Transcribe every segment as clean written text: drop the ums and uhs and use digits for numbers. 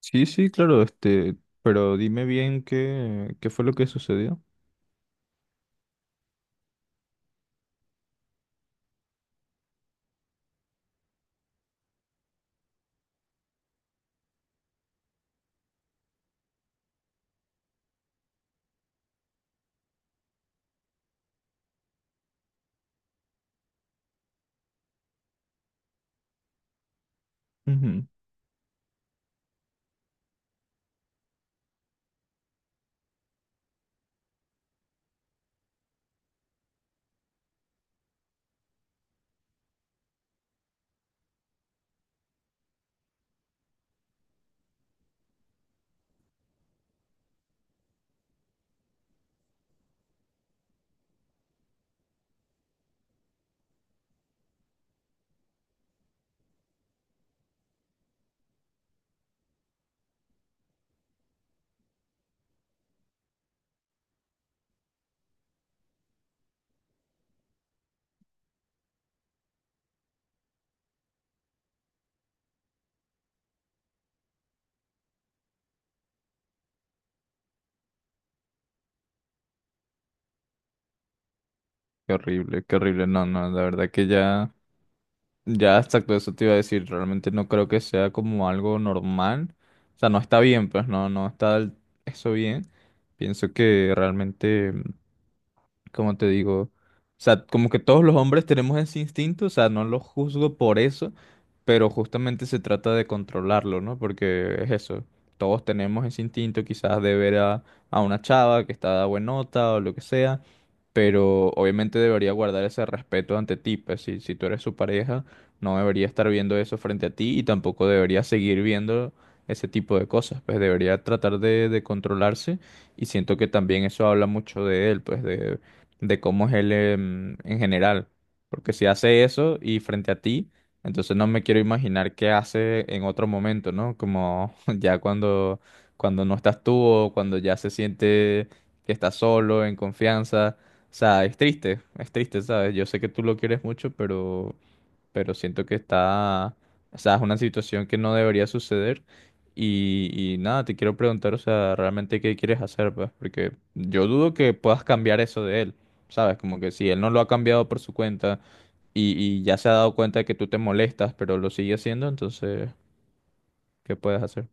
Sí, sí, claro, pero dime bien qué fue lo que sucedió. Ujú. Qué horrible, qué horrible. No, no, la verdad que ya, ya exacto, eso te iba a decir. Realmente no creo que sea como algo normal. O sea, no está bien, pues no, no está eso bien. Pienso que realmente, como te digo, o sea, como que todos los hombres tenemos ese instinto. O sea, no lo juzgo por eso, pero justamente se trata de controlarlo, ¿no? Porque es eso, todos tenemos ese instinto quizás de ver a una chava que está de buena nota o lo que sea, pero obviamente debería guardar ese respeto ante ti, pues si, si tú eres su pareja, no debería estar viendo eso frente a ti y tampoco debería seguir viendo ese tipo de cosas, pues debería tratar de controlarse. Y siento que también eso habla mucho de él, pues de cómo es él en general. Porque si hace eso y frente a ti, entonces no me quiero imaginar qué hace en otro momento, ¿no? Como ya cuando no estás tú o cuando ya se siente que está solo, en confianza. O sea, es triste, ¿sabes? Yo sé que tú lo quieres mucho, pero siento que está, o sea, es una situación que no debería suceder. Y, y nada, te quiero preguntar, o sea, realmente qué quieres hacer, pues, porque yo dudo que puedas cambiar eso de él, ¿sabes? Como que si él no lo ha cambiado por su cuenta y ya se ha dado cuenta de que tú te molestas, pero lo sigue haciendo, entonces, ¿qué puedes hacer?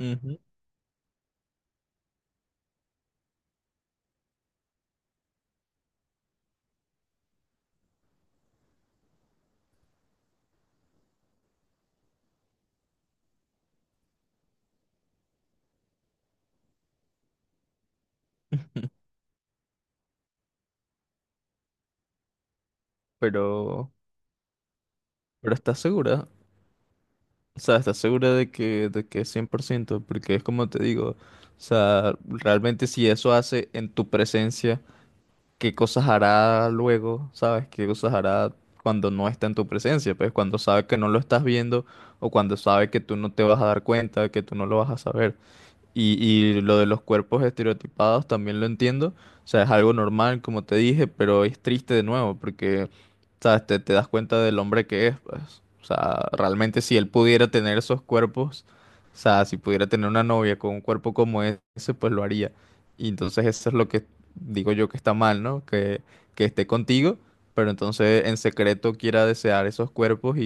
Ujú. Pero, pero, ¿estás segura? O sea, ¿estás segura de que es 100%? Porque es como te digo, o sea, realmente si eso hace en tu presencia. Qué cosas hará luego, ¿sabes? ¿Qué cosas hará cuando no está en tu presencia? Pues cuando sabe que no lo estás viendo o cuando sabe que tú no te vas a dar cuenta, que tú no lo vas a saber. Y lo de los cuerpos estereotipados también lo entiendo. O sea, es algo normal, como te dije, pero es triste de nuevo porque, ¿sabes? Te das cuenta del hombre que es, pues. O sea, realmente si él pudiera tener esos cuerpos, o sea, si pudiera tener una novia con un cuerpo como ese, pues lo haría. Y entonces eso es lo que digo yo que está mal, ¿no? Que esté contigo, pero entonces en secreto quiera desear esos cuerpos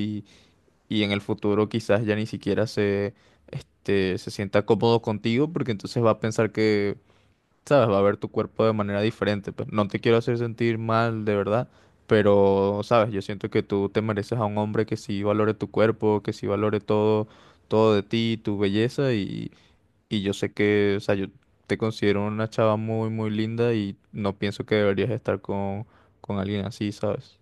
y en el futuro quizás ya ni siquiera se sienta cómodo contigo porque entonces va a pensar que, sabes, va a ver tu cuerpo de manera diferente. Pues no te quiero hacer sentir mal, de verdad, pero, sabes, yo siento que tú te mereces a un hombre que sí valore tu cuerpo, que sí valore todo, todo de ti, tu belleza y yo sé que, o sea, yo te considero una chava muy, muy linda y no pienso que deberías estar con alguien así, ¿sabes?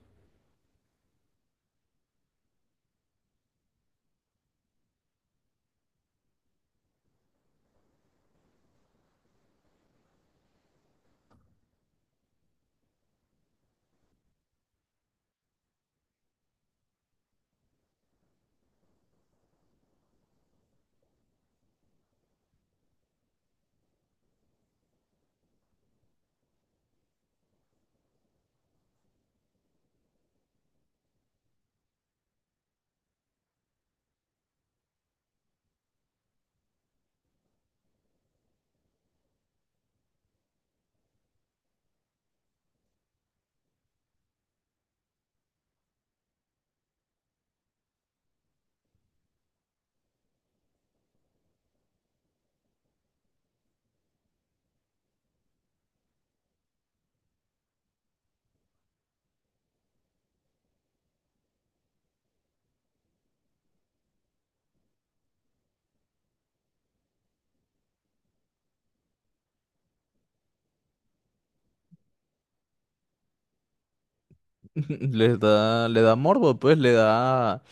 Le da morbo, pues, le da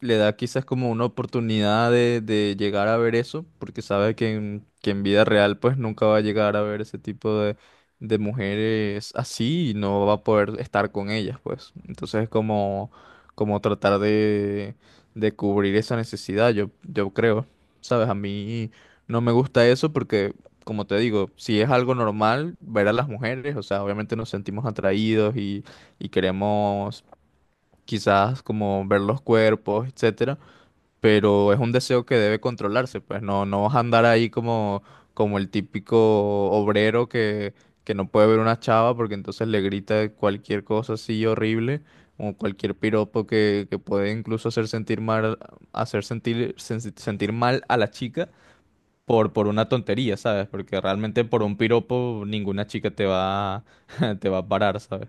le da quizás como una oportunidad de llegar a ver eso, porque sabe que que en vida real pues nunca va a llegar a ver ese tipo de mujeres así y no va a poder estar con ellas pues. Entonces es como tratar de cubrir esa necesidad, yo creo, ¿sabes? A mí no me gusta eso porque... Como te digo, si es algo normal ver a las mujeres, o sea, obviamente nos sentimos atraídos y queremos quizás como ver los cuerpos, etcétera, pero es un deseo que debe controlarse, pues no, no vas a andar ahí como el típico obrero que no puede ver una chava porque entonces le grita cualquier cosa así horrible o cualquier piropo que puede incluso hacer sentir mal, hacer sentir, sentir mal a la chica por una tontería, ¿sabes? Porque realmente por un piropo ninguna chica te va a parar, ¿sabes?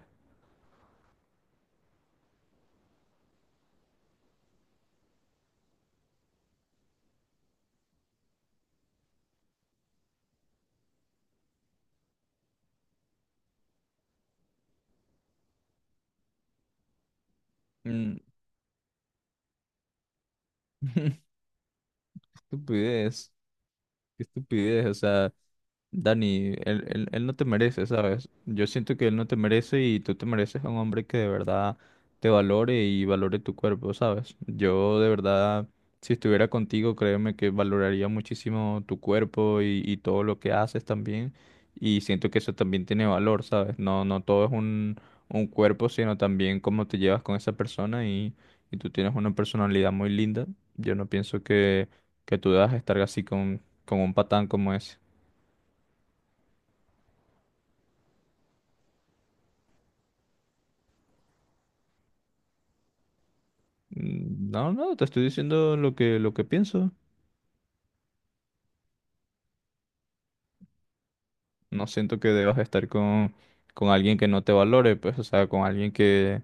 Mm. Qué estupidez, qué estupidez, o sea... Dani, él no te merece, ¿sabes? Yo siento que él no te merece y tú te mereces a un hombre que de verdad te valore y valore tu cuerpo, ¿sabes? Yo de verdad, si estuviera contigo, créeme que valoraría muchísimo tu cuerpo y todo lo que haces también. Y siento que eso también tiene valor, ¿sabes? No, no todo es un cuerpo, sino también cómo te llevas con esa persona y tú tienes una personalidad muy linda. Yo no pienso que tú debas estar así con un patán como ese. Mm. No, no, te estoy diciendo lo que pienso. No siento que debas estar con alguien que no te valore, pues, o sea, con alguien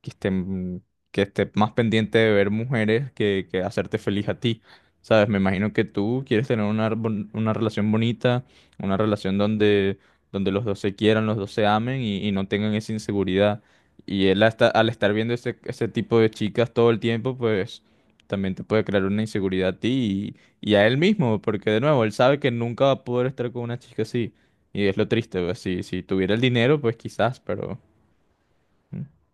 que estén, que esté más pendiente de ver mujeres que hacerte feliz a ti. ¿Sabes? Me imagino que tú quieres tener una relación bonita, una relación donde los dos se quieran, los dos se amen y no tengan esa inseguridad. Y él hasta, al estar viendo ese tipo de chicas todo el tiempo, pues también te puede crear una inseguridad a ti y a él mismo, porque de nuevo, él sabe que nunca va a poder estar con una chica así. Y es lo triste, pues, si, si tuviera el dinero, pues quizás, pero... Mm.